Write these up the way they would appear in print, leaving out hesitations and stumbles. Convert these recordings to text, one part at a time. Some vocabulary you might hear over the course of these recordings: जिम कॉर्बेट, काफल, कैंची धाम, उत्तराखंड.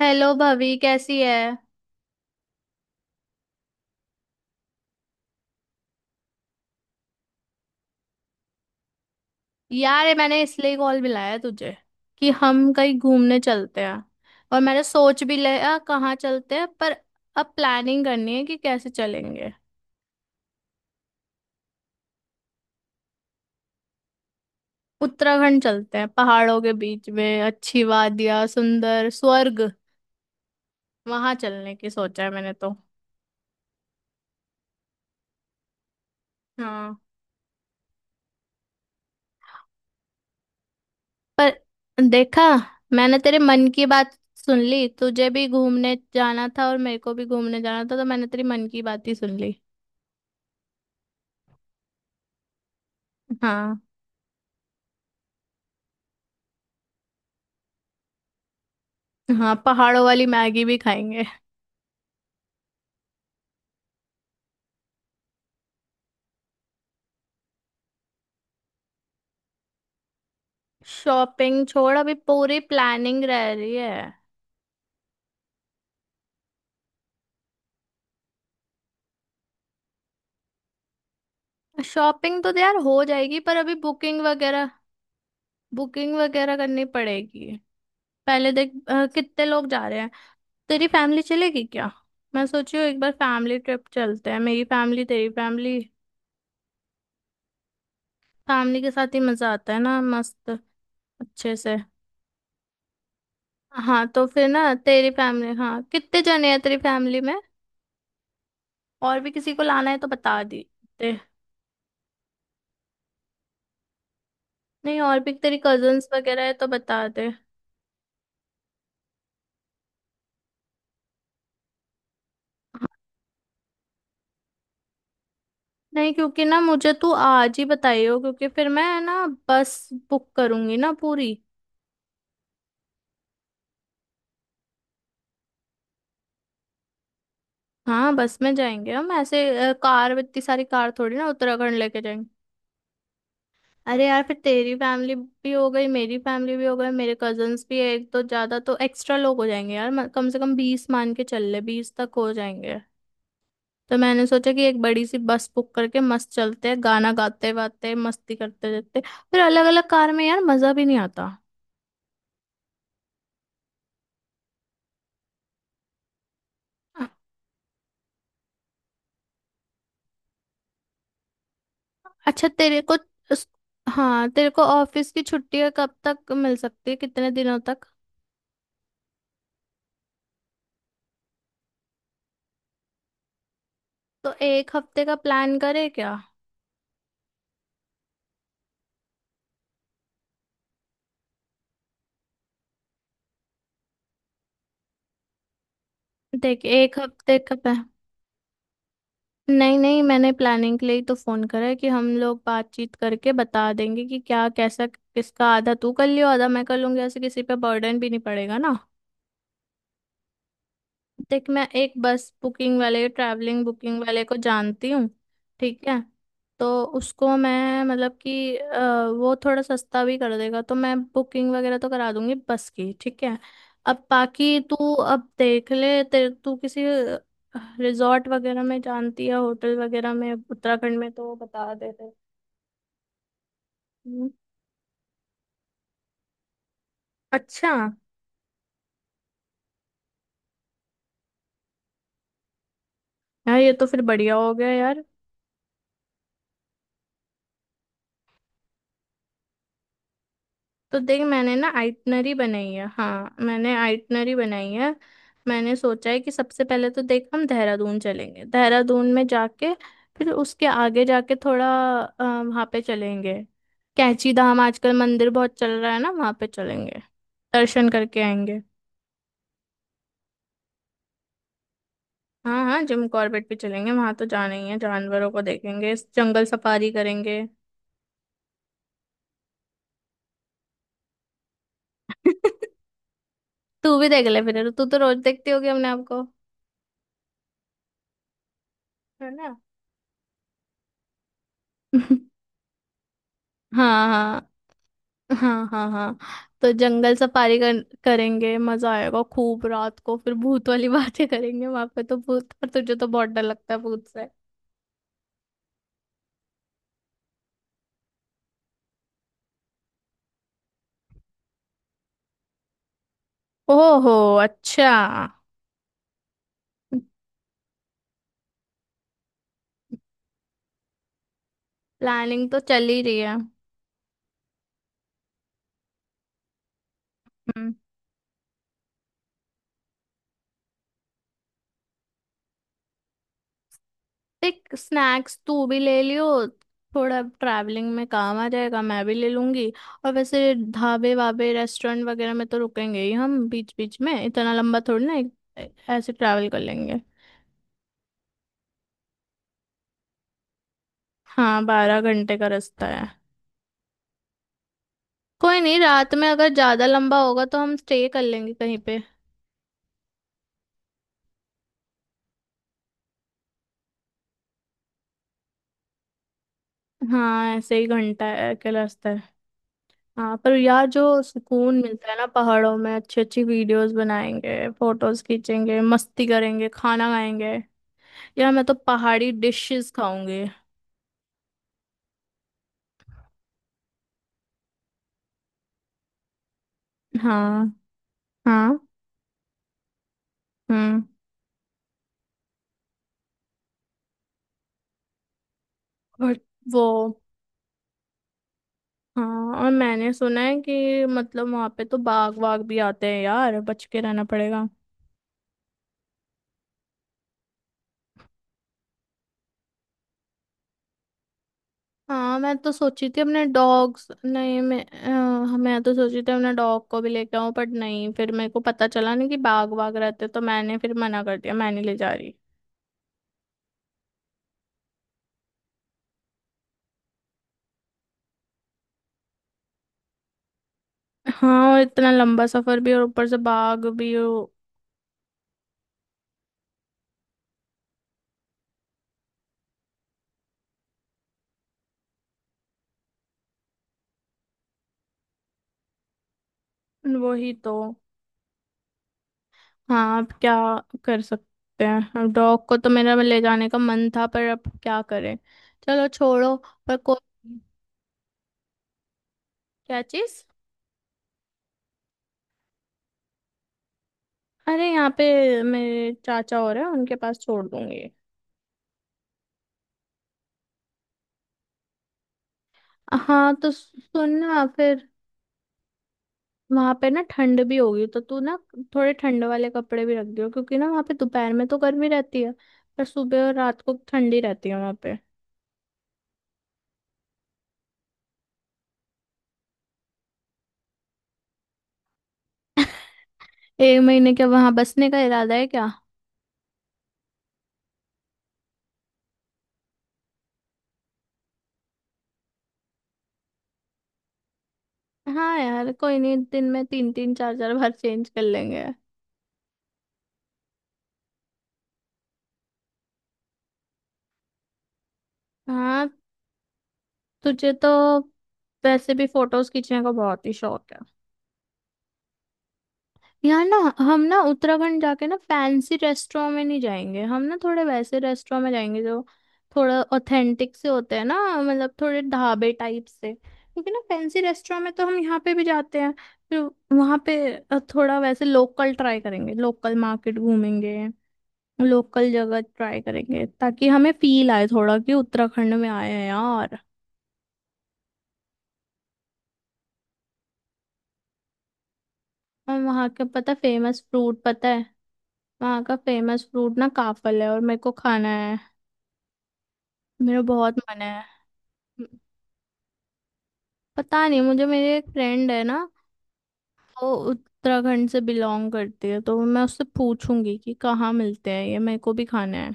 Hello भाभी कैसी है। यार ये मैंने इसलिए कॉल मिलाया तुझे कि हम कहीं घूमने चलते हैं। और मैंने सोच भी लिया कहाँ चलते हैं, पर अब प्लानिंग करनी है कि कैसे चलेंगे। उत्तराखंड चलते हैं, पहाड़ों के बीच में, अच्छी वादियाँ, सुंदर स्वर्ग। वहां चलने की सोचा है मैंने तो। हाँ। पर देखा, मैंने तेरे मन की बात सुन ली, तुझे भी घूमने जाना था और मेरे को भी घूमने जाना था, तो मैंने तेरी मन की बात ही सुन ली। हाँ। हाँ, पहाड़ों वाली मैगी भी खाएंगे। शॉपिंग छोड़, अभी पूरी प्लानिंग रह रही है। शॉपिंग तो यार हो जाएगी, पर अभी बुकिंग वगैरह। बुकिंग वगैरह करनी पड़ेगी। पहले देख कितने लोग जा रहे हैं। तेरी फैमिली चलेगी क्या? मैं सोची हूँ एक बार फैमिली ट्रिप चलते हैं, मेरी फैमिली तेरी फैमिली। फैमिली के साथ ही मजा आता है ना, मस्त, अच्छे से। हाँ तो फिर ना तेरी फैमिली, हाँ कितने जने हैं तेरी फैमिली में? और भी किसी को लाना है तो बता दी। नहीं, और भी तेरी कजन्स वगैरह है तो बता दे। नहीं, क्योंकि ना मुझे तू आज ही बताइयो, क्योंकि फिर मैं ना बस बुक करूंगी ना पूरी। हाँ बस में जाएंगे हम, ऐसे कार, इतनी सारी कार थोड़ी ना उत्तराखंड लेके जाएंगे। अरे यार, फिर तेरी फैमिली भी हो गई, मेरी फैमिली भी हो गई, मेरे कजन्स भी है, एक तो ज्यादा, तो एक्स्ट्रा लोग हो जाएंगे यार। कम से कम 20 मान के चल ले, 20 तक हो जाएंगे। तो मैंने सोचा कि एक बड़ी सी बस बुक करके मस्त चलते हैं, गाना गाते वाते मस्ती करते रहते। फिर अलग अलग कार में यार मजा भी नहीं आता। अच्छा तेरे को, उस- हाँ तेरे को ऑफिस की छुट्टियां कब तक मिल सकती है, कितने दिनों तक? तो एक हफ्ते का प्लान करे क्या? देख एक हफ्ते का प्लान। नहीं नहीं, मैंने प्लानिंग के लिए ही तो फोन करा है कि हम लोग बातचीत करके बता देंगे कि क्या कैसा किसका, आधा तू कर लियो आधा मैं कर लूंगी, ऐसे किसी पे बर्डन भी नहीं पड़ेगा ना। देख, मैं एक बस बुकिंग वाले, ट्रैवलिंग बुकिंग वाले को जानती हूँ। ठीक है। तो उसको मैं मतलब कि वो थोड़ा सस्ता भी कर देगा, तो मैं बुकिंग वगैरह तो करा दूंगी बस की, ठीक है। अब बाकी तू, अब देख ले तेरे, तू किसी रिजॉर्ट वगैरह में जानती है, होटल वगैरह में उत्तराखंड में, तो बता दे दे। हम्म, अच्छा। यार ये तो फिर बढ़िया हो गया यार। तो देख, मैंने ना आइटनरी बनाई है, हाँ मैंने आइटनरी बनाई है। मैंने सोचा है कि सबसे पहले तो देख हम देहरादून चलेंगे, देहरादून में जाके फिर उसके आगे जाके थोड़ा वहाँ पे चलेंगे। कैंची धाम आजकल मंदिर बहुत चल रहा है ना, वहाँ पे चलेंगे, दर्शन करके आएंगे। हाँ हाँ, जिम कॉर्बेट भी चलेंगे, वहां तो जाना ही है, जानवरों को देखेंगे, जंगल सफारी करेंगे। तू भी देख ले, फिर तू तो रोज देखती होगी अपने आपको, है ना? हाँ हाँ हाँ। हाँ तो जंगल सफारी करेंगे, मजा आएगा खूब। रात को फिर भूत वाली बातें करेंगे वहां पे, तो भूत, पर तुझे तो बहुत डर लगता है भूत से। ओहो, अच्छा। प्लानिंग तो चल ही रही है। हम्म। देख स्नैक्स तू भी ले लियो, थोड़ा ट्रैवलिंग में काम आ जाएगा, मैं भी ले लूंगी। और वैसे ढाबे वाबे रेस्टोरेंट वगैरह में तो रुकेंगे ही हम बीच बीच में, इतना लंबा थोड़ी ना ऐसे ट्रैवल कर लेंगे। हाँ, 12 घंटे का रास्ता है। कोई नहीं, रात में अगर ज्यादा लंबा होगा तो हम स्टे कर लेंगे कहीं पे। हाँ ऐसे ही घंटा है के रास्ता है। हाँ, पर यार जो सुकून मिलता है ना पहाड़ों में, अच्छी अच्छी वीडियोस बनाएंगे, फोटोज खींचेंगे, मस्ती करेंगे, खाना खाएंगे। यार मैं तो पहाड़ी डिशेस खाऊंगी। हाँ। हाँ। हम्म। और वो। हाँ। और मैंने सुना है कि मतलब वहां पे तो बाघ वाघ भी आते हैं यार, बच के रहना पड़ेगा। हाँ मैं तो सोची थी अपने डॉग्स, नहीं मैं हाँ, मैं तो सोची थी अपने डॉग को भी लेके आऊँ, बट नहीं, फिर मेरे को पता चला ना कि बाघ बाघ रहते, तो मैंने फिर मना कर दिया, मैं नहीं ले जा रही। हाँ और इतना लंबा सफर भी, और ऊपर से बाघ भी वही तो। हाँ अब क्या कर सकते हैं, अब डॉग को तो मेरा ले जाने का मन था, पर अब क्या करें। चलो छोड़ो। पर कोई, क्या चीज? अरे यहाँ पे मेरे चाचा हो रहे हैं, उनके पास छोड़ दूंगी। हाँ तो सुनना फिर, वहां पे ना ठंड भी होगी, तो तू ना थोड़े ठंड वाले कपड़े भी रख दियो, क्योंकि ना वहां पे दोपहर में तो गर्मी रहती है, पर सुबह और रात को ठंडी रहती है वहां पे। एक महीने के वहां बसने का इरादा है क्या? हाँ यार कोई नहीं, दिन में तीन तीन चार चार बार चेंज कर लेंगे। हाँ। तुझे तो वैसे भी फोटोज खींचने का बहुत ही शौक यार ना। हम ना उत्तराखंड जाके ना फैंसी रेस्टोरेंट में नहीं जाएंगे, हम ना थोड़े वैसे रेस्टोरेंट में जाएंगे जो थोड़ा ऑथेंटिक से होते हैं ना, मतलब थोड़े ढाबे टाइप से, क्योंकि ना फैंसी रेस्टोरेंट में तो हम यहाँ पे भी जाते हैं। फिर वहाँ पे थोड़ा वैसे लोकल ट्राई करेंगे, लोकल मार्केट घूमेंगे, लोकल जगह ट्राई करेंगे, ताकि हमें फील आए थोड़ा कि उत्तराखंड में आए हैं यार। और वहाँ का पता फेमस फ्रूट पता है? वहाँ का फेमस फ्रूट ना काफल है, और मेरे को खाना है, मेरा बहुत मन है। पता नहीं मुझे, मेरी एक फ्रेंड है ना, वो उत्तराखंड से बिलोंग करती है, तो मैं उससे पूछूंगी कि कहाँ मिलते हैं, ये मेरे को भी खाना है।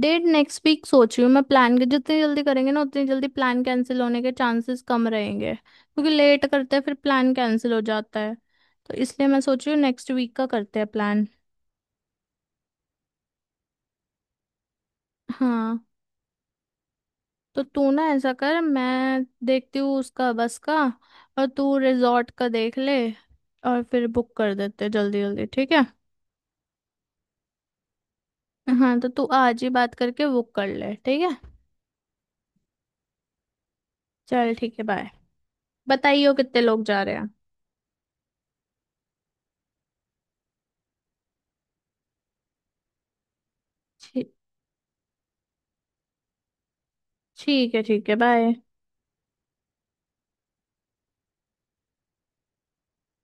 डेट नेक्स्ट वीक सोच रही हूँ मैं। प्लान के जितनी जल्दी करेंगे ना, उतनी जल्दी प्लान कैंसिल होने के चांसेस कम रहेंगे, क्योंकि लेट करते हैं फिर प्लान कैंसिल हो जाता है। तो इसलिए मैं सोच रही हूँ नेक्स्ट वीक का करते हैं प्लान। हाँ तो तू ना ऐसा कर, मैं देखती हूँ उसका बस का, और तू रिजॉर्ट का देख ले, और फिर बुक कर देते जल्दी जल्दी, ठीक है। हाँ तो तू आज ही बात करके बुक कर ले, ठीक है। चल ठीक है बाय। बताइयो कितने लोग जा रहे हैं। ठी- ठीक है बाय।